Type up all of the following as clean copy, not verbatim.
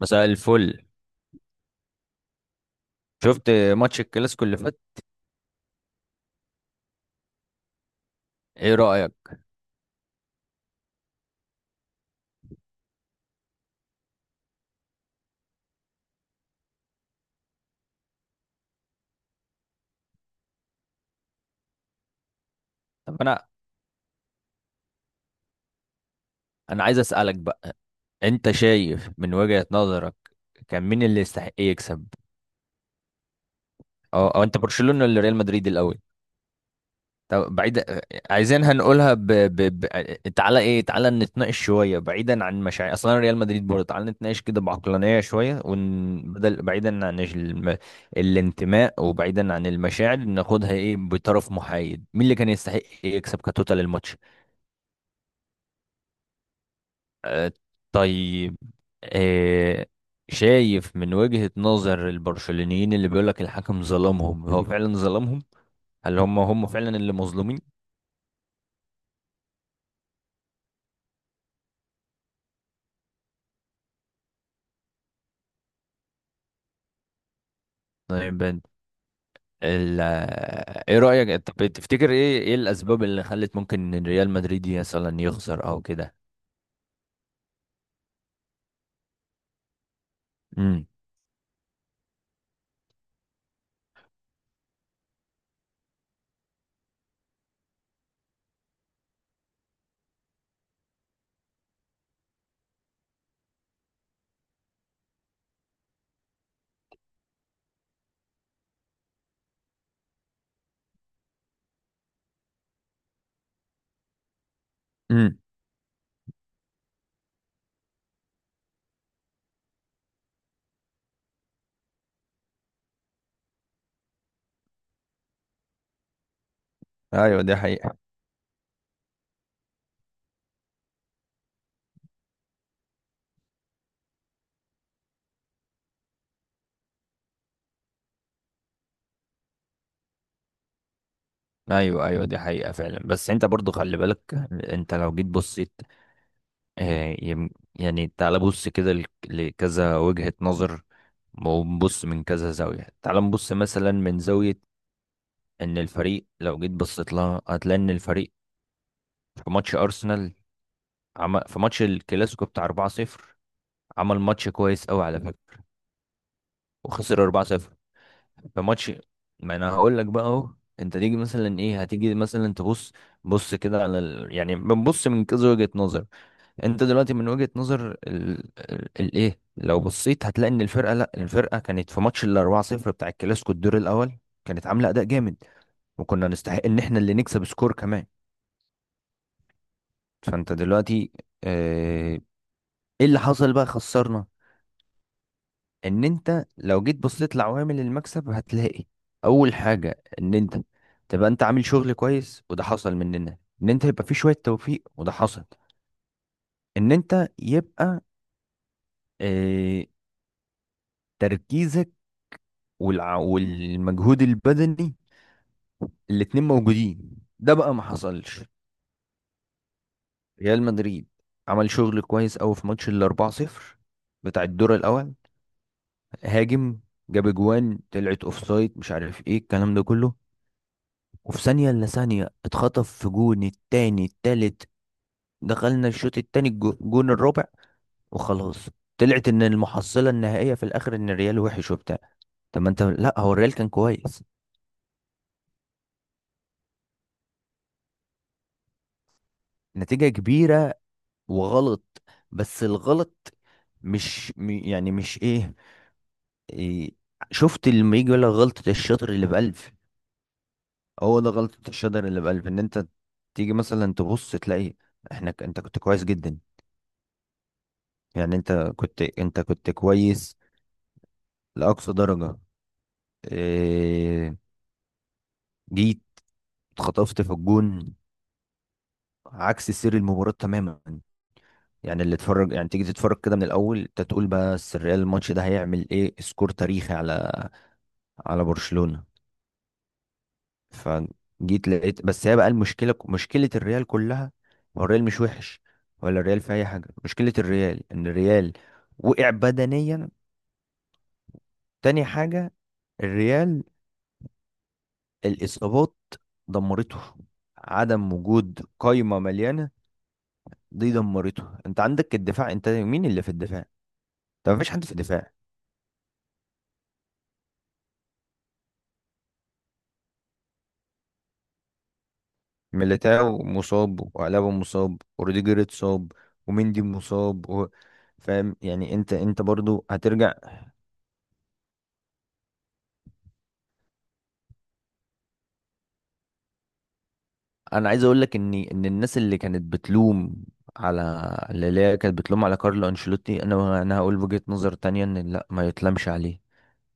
مساء الفل. شفت ماتش الكلاسيكو اللي فات؟ ايه رأيك؟ طب انا، عايز اسألك بقى، انت شايف من وجهة نظرك كان مين اللي يستحق يكسب؟ أو انت برشلونة ولا ريال مدريد الاول؟ طب بعيد، عايزين هنقولها ب... تعالى ايه، تعالى نتناقش شوية بعيدا عن مشاعر اصلا ريال مدريد برضه، تعالى نتناقش كده بعقلانية شوية ون... بدل بعيدا عن الانتماء وبعيدا عن المشاعر، ناخدها ايه بطرف محايد، مين اللي كان يستحق يكسب كتوتال الماتش؟ آه، طيب آه، شايف من وجهة نظر البرشلونيين اللي بيقولك الحكم ظلمهم، هو فعلا ظلمهم؟ هل هم فعلا اللي مظلومين؟ طيب ايه رأيك؟ طب تفتكر ايه ايه الاسباب اللي خلت ممكن إن ريال مدريد مثلا يخسر او كده؟ امم امم ايوه دي حقيقة. ايوه، دي حقيقة فعلا، بس انت برضو خلي بالك، انت لو جيت بصيت، آه، يم- يعني تعال بص كده لكذا وجهة نظر ونبص من كذا زاوية. تعال نبص مثلا من زاوية ان الفريق، لو جيت بصيت لها هتلاقي ان الفريق في ماتش ارسنال، عمل في ماتش الكلاسيكو بتاع 4-0، عمل ماتش كويس قوي على فكرة وخسر 4-0 في ماتش. ما انا هقول لك بقى اهو، انت تيجي مثلا، ايه، هتيجي مثلا تبص، بص كده على يعني بنبص من كذا وجهة نظر. انت دلوقتي من وجهة نظر الايه لو بصيت هتلاقي ان الفرقه لا الفرقه كانت في ماتش ال 4-0 بتاع الكلاسيكو الدور الاول، كانت عامله اداء جامد، وكنا نستحق ان احنا اللي نكسب سكور كمان. فانت دلوقتي، اه... ايه اللي حصل بقى خسرنا؟ ان انت لو جيت بصيت لعوامل المكسب هتلاقي اول حاجه ان انت تبقى انت عامل شغل كويس، وده حصل مننا، ان انت يبقى في شويه توفيق، وده حصل، ان انت يبقى اه... تركيزك والمجهود البدني الاتنين موجودين، ده بقى ما حصلش. ريال مدريد عمل شغل كويس قوي في ماتش ال 4-0 بتاع الدور الاول، هاجم، جاب اجوان طلعت اوفسايد، مش عارف ايه الكلام ده كله، وفي ثانية الا ثانية اتخطف في جون التاني التالت، دخلنا الشوط التاني الجون الرابع، وخلاص، طلعت ان المحصلة النهائية في الاخر ان الريال وحش وبتاع. طب ما انت لا، هو الريال كان كويس، نتيجة كبيرة وغلط، بس الغلط مش يعني مش ايه, إيه شفت لما يجي يقول لك غلطة الشاطر اللي بألف؟ هو ده غلطة الشاطر اللي بألف، ان انت تيجي مثلا تبص تلاقي احنا انت كنت كويس جدا، يعني انت كنت كويس لأقصى درجة. إيه، جيت اتخطفت في الجون عكس سير المباراة تماما. يعني اللي اتفرج، يعني تيجي تتفرج كده من الأول انت تقول بس الريال الماتش ده هيعمل ايه سكور تاريخي على على برشلونة. فجيت لقيت بس، هي بقى المشكله، الريال كلها، هو الريال مش وحش ولا الريال في اي حاجه، مشكله الريال ان الريال وقع بدنيا. تاني حاجه، الريال، الاصابات دمرته، عدم وجود قايمه مليانه دي دمرته. انت عندك الدفاع، انت مين اللي في الدفاع؟ انت مفيش حد في الدفاع. ميليتاو مصاب، وألابا مصاب، وروديجر اتصاب، ومندي مصاب، فاهم يعني؟ انت برضو هترجع. انا عايز اقول لك ان الناس اللي كانت بتلوم على اللي هي كانت بتلوم على كارلو انشيلوتي، انا هقول وجهة نظر تانية، ان لا، ما يتلمش عليه.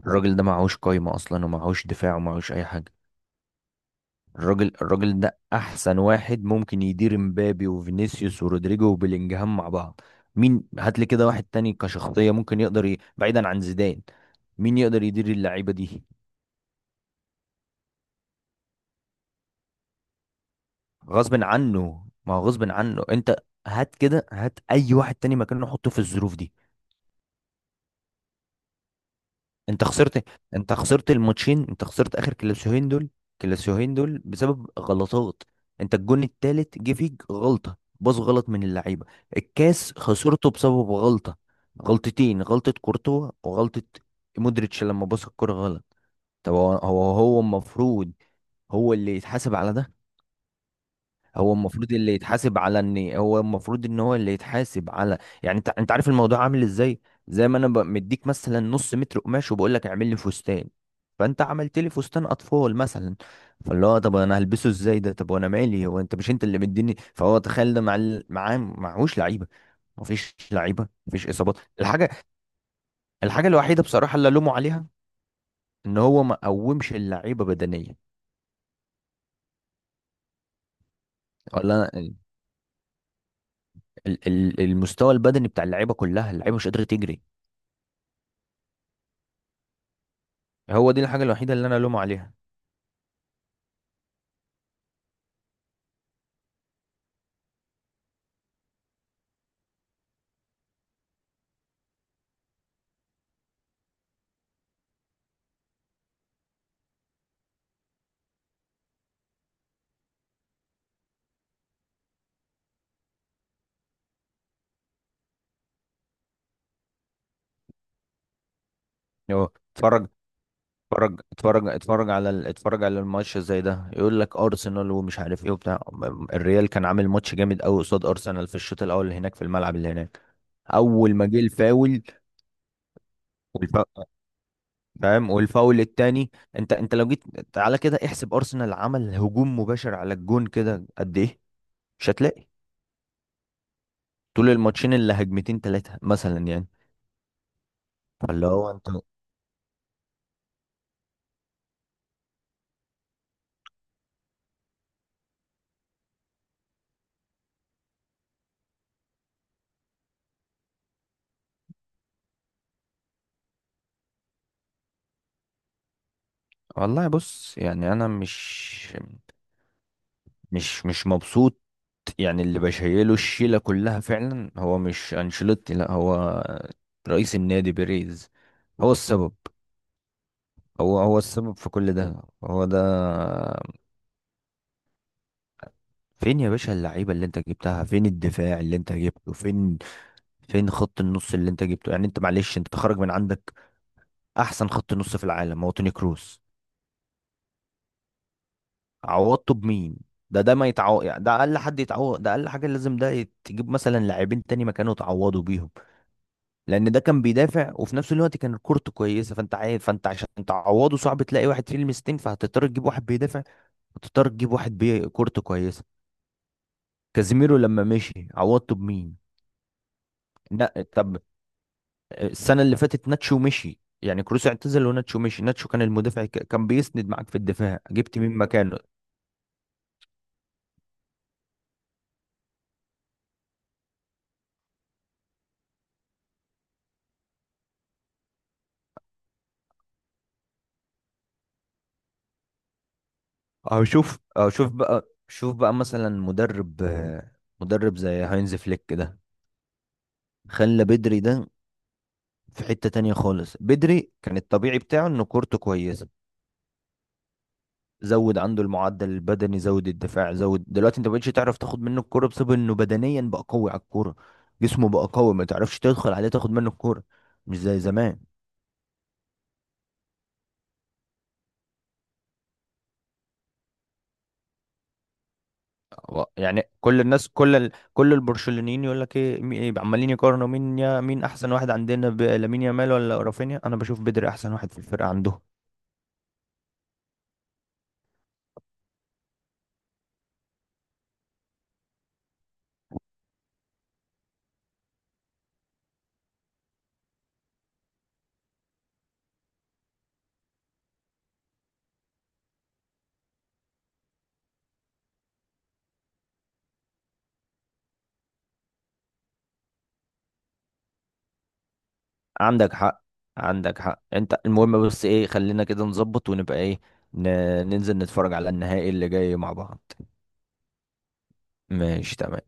الراجل ده معهوش قايمة اصلا، ومعهوش دفاع، ومعهوش اي حاجة. الراجل ده احسن واحد ممكن يدير مبابي وفينيسيوس ورودريجو وبيلينجهام مع بعض. مين؟ هات لي كده واحد تاني كشخصية ممكن يقدر بعيدا عن زيدان، مين يقدر يدير اللعيبة دي؟ غصب عنه، ما هو غصب عنه انت. هات كده هات اي واحد تاني مكانه، حطه في الظروف دي. انت خسرت، انت خسرت الماتشين، انت خسرت اخر كلاسيوهين دول، كلاسيوهين دول بسبب غلطات. انت الجون التالت جه فيك غلطة باص غلط من اللعيبة، الكاس خسرته بسبب غلطة، غلطتين، غلطة كورتوا وغلطة مودريتش لما باص الكرة غلط. طب هو المفروض هو اللي يتحاسب على ده؟ هو المفروض اللي يتحاسب على ان هو المفروض ان هو اللي يتحاسب على، يعني انت عارف الموضوع عامل ازاي؟ زي ما انا مديك مثلا نص متر قماش وبقول لك اعمل لي فستان، فانت عملت لي فستان اطفال مثلا، فاللي هو طب انا هلبسه ازاي ده؟ طب وانا مالي، هو انت مش انت اللي مديني؟ فهو تخيل ده مع معاه معهوش لعيبه، مفيش لعيبه، مفيش اصابات. الحاجه، الحاجه الوحيده بصراحه اللي الومه عليها ان هو ما قومش اللعيبه بدنيا. ولا المستوى البدني بتاع اللعيبه كلها، اللعيبه مش قادره تجري. هو دي الحاجة الوحيدة اللي انا الومه عليها. هو اتفرج، اتفرج على اتفرج على الماتش زي ده، يقول لك ارسنال ومش عارف ايه وبتاع، الريال كان عامل ماتش جامد قوي قصاد ارسنال في الشوط الاول اللي هناك، في الملعب اللي هناك. اول ما جه الفاول والف... فاهم والفاول التاني، انت لو جيت، تعالى كده احسب ارسنال عمل هجوم مباشر على الجون كده قد ايه؟ مش هتلاقي طول الماتشين اللي هجمتين ثلاثة مثلا يعني. فاللي هو انت، والله بص يعني انا مش مبسوط. يعني اللي بشيله الشيلة كلها فعلا هو مش أنشيلوتي، لا، هو رئيس النادي بيريز، هو السبب. هو السبب في كل ده، هو ده. فين يا باشا اللعيبة اللي انت جبتها؟ فين الدفاع اللي انت جبته؟ فين فين خط النص اللي انت جبته؟ يعني انت معلش، انت تخرج من عندك، احسن خط نص في العالم هو توني كروس، عوضته بمين؟ ده ما يتعوض، يعني ده اقل حد يتعوض، ده اقل حاجة لازم ده تجيب مثلا لاعبين تاني مكانه تعوضوا بيهم، لان ده كان بيدافع وفي نفس الوقت كان الكورته كويسه، فانت عارف، فانت عشان تعوضه صعب تلاقي واحد فيه لمستين، فهتضطر تجيب واحد بيدافع وتضطر تجيب واحد بيه كورته كويسه. كازيميرو لما مشي عوضته بمين؟ لا طب، السنه اللي فاتت ناتشو مشي، يعني كروس اعتزل وناتشو مشي، ناتشو كان المدافع كان بيسند معاك في الدفاع، جبت مين مكانه؟ اهو شوف، اهو شوف بقى، شوف بقى مثلا مدرب مدرب زي هاينز فليك ده، خلى بدري ده في حتة تانية خالص. بدري كان الطبيعي بتاعه انه كورته كويسة، زود عنده المعدل البدني، زود الدفاع، زود، دلوقتي انت مبقتش تعرف تاخد منه الكوره بسبب انه بدنيا بقى قوي على الكوره، جسمه بقى قوي، ما تعرفش تدخل عليه تاخد منه الكوره، مش زي زمان. و- يعني كل الناس، كل البرشلونيين يقول لك ايه مي- إيه، عمالين يقارنوا مين يا مين احسن واحد عندنا لامين يامال ولا رافينيا، انا بشوف بدري احسن واحد في الفرقه عندهم. عندك حق، عندك حق. انت المهم بس ايه، خلينا كده نظبط ونبقى ايه، ن... ننزل نتفرج على النهائي اللي جاي مع بعض. ماشي تمام.